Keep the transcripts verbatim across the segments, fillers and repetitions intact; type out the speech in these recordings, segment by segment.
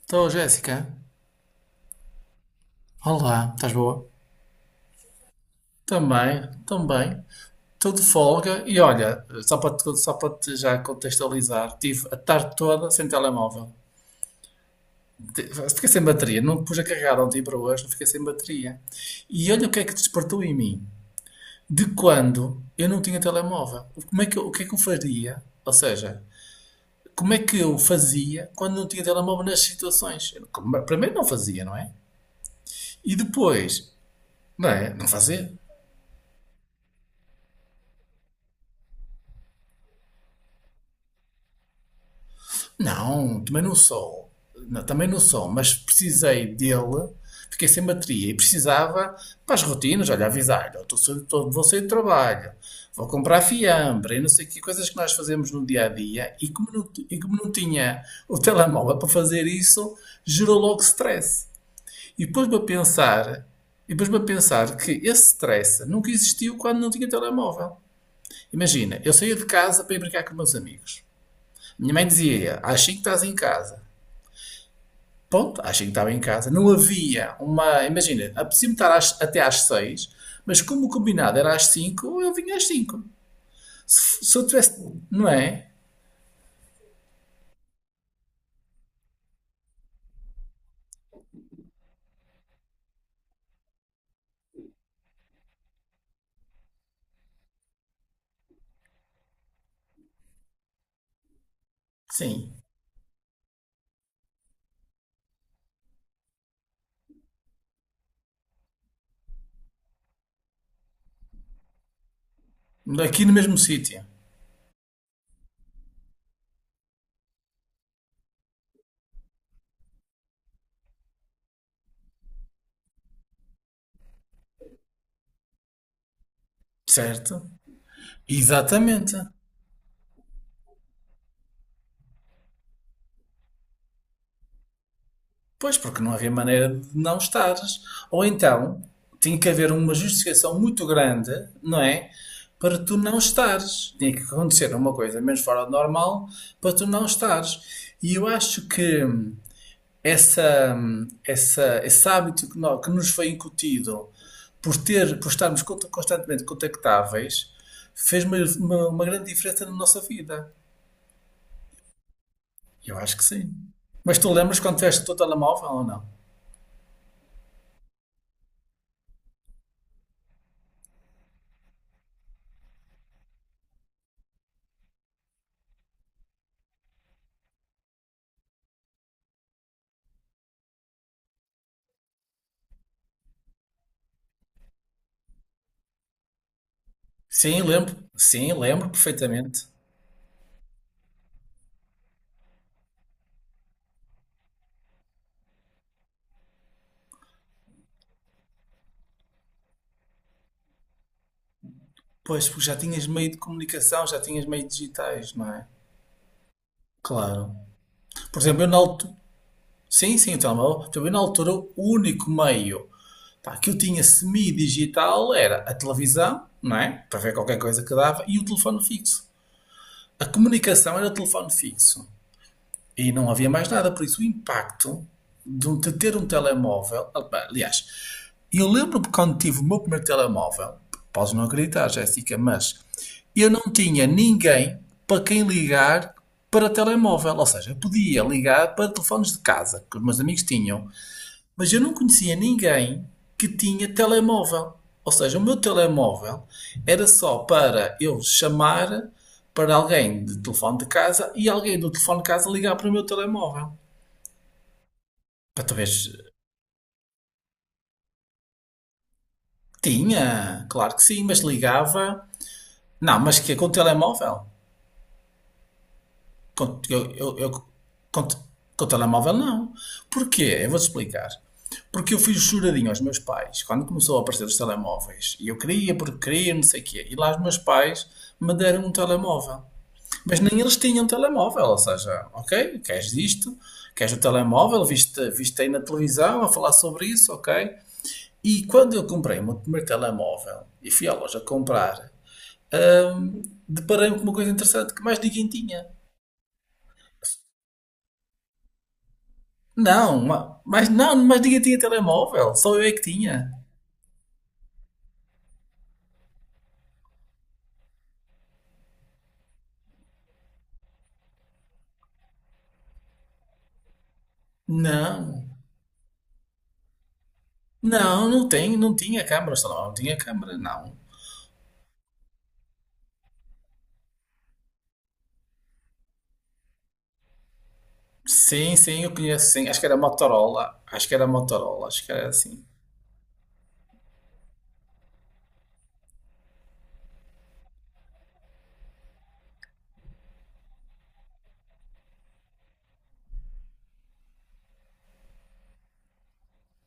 Estou, Jéssica. Olá, estás boa? Também, também. Estou de folga e olha, só para te, só para te já contextualizar, tive a tarde toda sem telemóvel. Te- Fiquei sem bateria, não pus a carregar ontem para hoje, fiquei sem bateria. E olha o que é que despertou em mim. De quando eu não tinha telemóvel. Como é que eu- O que é que eu faria? Ou seja, como é que eu fazia quando não tinha telemóvel nas situações? Eu, como- Primeiro não fazia, não é? E depois, não é? Não fazia. Não, também não sou. Não, também não sou, mas precisei dele, fiquei sem bateria e precisava para as rotinas, olha, avisar-lhe, "Ó, tô sa- tô- vou sair do trabalho, vou comprar fiambre e não sei que coisas que nós fazemos no dia a dia e como não, t- e como não tinha o telemóvel para fazer isso, gerou logo stress. E depois me a pensar, e depois me a pensar que esse stress nunca existiu quando não tinha telemóvel. Imagina, eu saía de casa para ir brincar com meus amigos. Minha mãe dizia, às cinco estás em casa. Ponto, achei que estava em casa. Não havia uma. Imagina, apetecia-me estar às- até às seis, mas como o combinado era às cinco, eu vinha às cinco. Se, se eu tivesse. Não é? Sim. Aqui no mesmo sítio. Certo? Exatamente. Pois, porque não havia maneira de não estares. Ou então, tinha que haver uma justificação muito grande, não é? Para tu não estares. Tinha que acontecer uma coisa menos fora do normal para tu não estares. E eu acho que. essa, essa, esse hábito que, nó- que nos foi incutido por ter, por estarmos constantemente contactáveis, fez uma, uma- uma grande diferença na nossa vida. Eu acho que sim. Mas tu lembras quando tiveste o teu telemóvel ou não? Sim, lembro. Sim, lembro perfeitamente. Pois, porque já tinhas meio de comunicação, já tinhas meio digitais, não é? Claro. Por exemplo, eu na altura. Sim, sim, o telemóvel. Por exemplo, eu na altura, o único meio, pá, que eu tinha semi-digital era a televisão, não é? Para ver qualquer coisa que dava, e o telefone fixo. A comunicação era o telefone fixo. E não havia mais nada, por isso o impacto de um- de ter um telemóvel. Aliás, eu lembro-me quando tive o meu primeiro telemóvel, podes não acreditar, Jéssica, mas eu não tinha ninguém para quem ligar para telemóvel. Ou seja, eu podia ligar para telefones de casa, que os meus amigos tinham, mas eu não conhecia ninguém que tinha telemóvel. Ou seja, o meu telemóvel era só para eu chamar para alguém de telefone de casa e alguém do telefone de casa ligar para o meu telemóvel. Para talvez. Tinha, claro que sim, mas ligava. Não, mas que com o telemóvel? Com, eu, eu, eu, com, te- com o telemóvel, não. Porquê? Eu vou-te explicar. Porque eu fiz juradinho aos meus pais quando começou a aparecer os telemóveis. E eu queria, porque queria, não sei o quê. E lá os meus pais me deram um telemóvel. Mas nem eles tinham telemóvel. Ou seja, ok, queres isto? Queres o telemóvel? Viste, viste aí na televisão a falar sobre isso? Ok. E quando eu comprei o meu primeiro telemóvel e fui à loja comprar, deparei-me com uma coisa interessante que mais ninguém tinha. Não, ma- mas não, mas ninguém tinha telemóvel, só eu é que tinha. Não, não, não tem, não tinha câmara, só não, não tinha câmara, não. Sim, sim, eu conheço, sim, acho que era Motorola, acho que era Motorola, acho que era assim.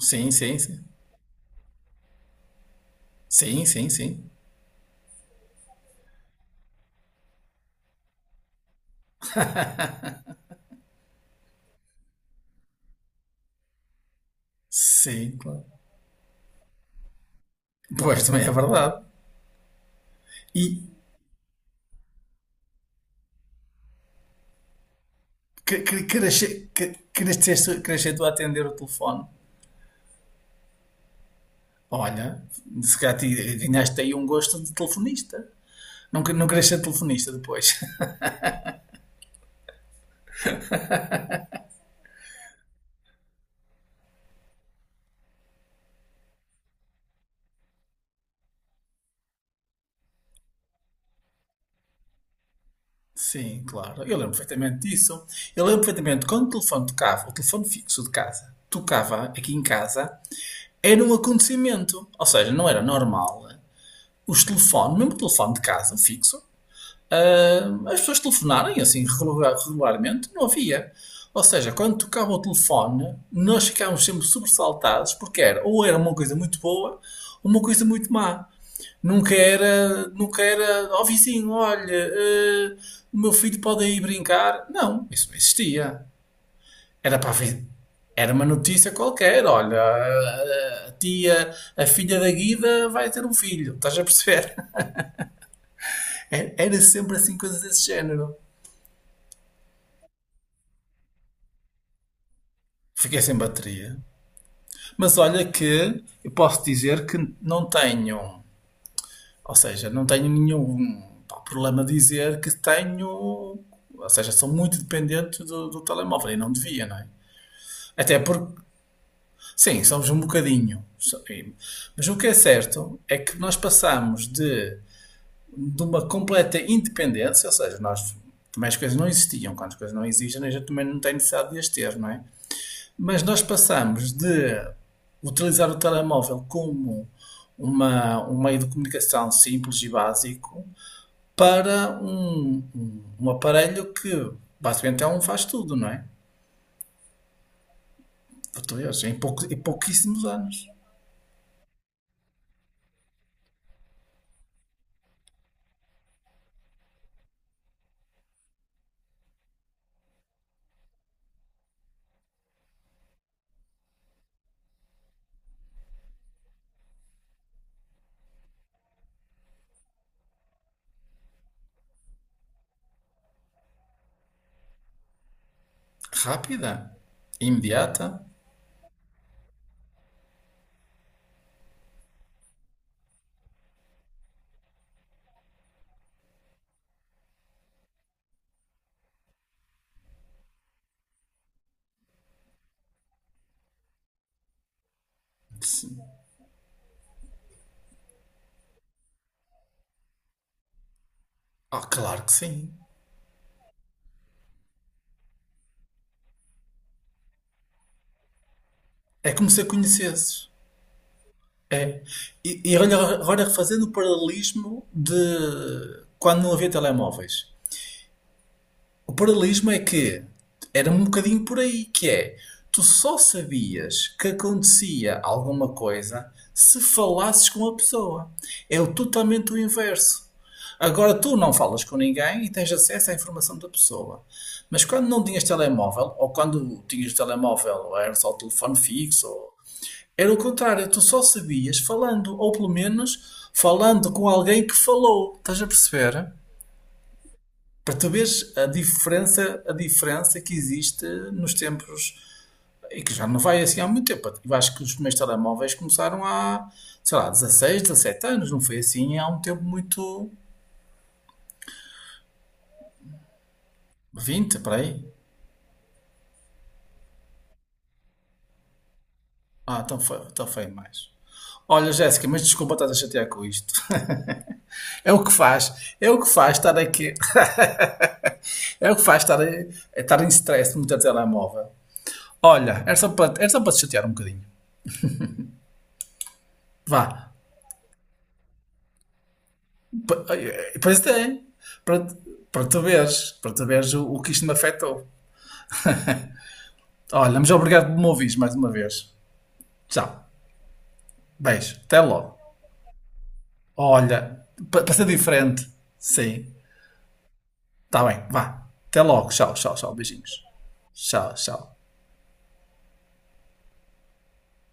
Sim, sim, sim, sim, sim, sim, sim, claro. Pois também é verdade. E que, que, que, nasce- que, que nasceste, que nasceste tu a atender o telefone? Olha, se calhar ti- ganhaste aí um gosto de telefonista. Não, que- não queres ser telefonista depois. Sim, claro. Eu lembro perfeitamente disso. Eu lembro perfeitamente quando o telefone tocava, o telefone fixo de casa, tocava aqui em casa, era um acontecimento. Ou seja, não era normal os telefones, mesmo o telefone de casa, o fixo, ah, as pessoas telefonarem assim regular- regularmente, não havia. Ou seja, quando tocava o telefone, nós ficávamos sempre sobressaltados, porque era ou era uma coisa muito boa ou uma coisa muito má. Nunca era, nunca era, ó, oh, vizinho, olha, eh, o meu filho pode ir brincar. Não, isso não existia. Era para a era uma notícia qualquer, olha, ah, a tia, a filha da Guida vai ter um filho, estás a perceber? Era sempre assim coisas desse género. Fiquei sem bateria. Mas olha que eu posso dizer que não tenho, ou seja, não tenho nenhum, pá, problema de dizer que tenho, ou seja, sou muito dependente do, do telemóvel e não devia, não é? Até porque, sim, somos um bocadinho. So- e- Mas o que é certo é que nós passamos de, de uma completa independência, ou seja, nós também as coisas não existiam. Quando as coisas não existem, a gente também não tem necessidade de as ter, não é? Mas nós passamos de utilizar o telemóvel como uma, um meio de comunicação simples e básico para um, um, um aparelho que basicamente é um faz tudo, não é? Português, em, pouco, em pouquíssimos anos. Rápida, imediata. Sim. Ah, claro que sim. É como se a conhecesses. É. E, e olha, agora fazendo o paralelismo de quando não havia telemóveis. O paralelismo é que era um bocadinho por aí, que é tu só sabias que acontecia alguma coisa se falasses com a pessoa. É o totalmente o inverso. Agora tu não falas com ninguém e tens acesso à informação da pessoa. Mas quando não tinhas telemóvel, ou quando tinhas telemóvel, era só o telefone fixo, ou era o contrário, tu só sabias falando, ou pelo menos falando com alguém que falou. Estás a perceber? Para tu veres a diferença, a diferença que existe nos tempos, e que já não vai assim há muito tempo. Eu acho que os primeiros telemóveis começaram há, sei lá, dezasseis dezassete anos, não foi assim há um tempo muito. Vinte para aí. Ah, então foi, então foi mais. Olha, Jéssica, mas desculpa estar a chatear com isto. É o que faz, é o que faz estar aqui, é o que faz estar, é estar em stress muito a telemóvel. Olha, era só para, era só para te chatear um bocadinho. Vá, Pa- eh, pois tem. Para, para tu veres, para tu veres o, o que isto me afetou. Olha, mas obrigado por me ouvires mais uma vez. Tchau. Beijo. Até logo. Olha, pa- para ser diferente. Sim. Está bem. Vá. Até logo. Tchau, tchau, tchau. Beijinhos. Tchau, tchau.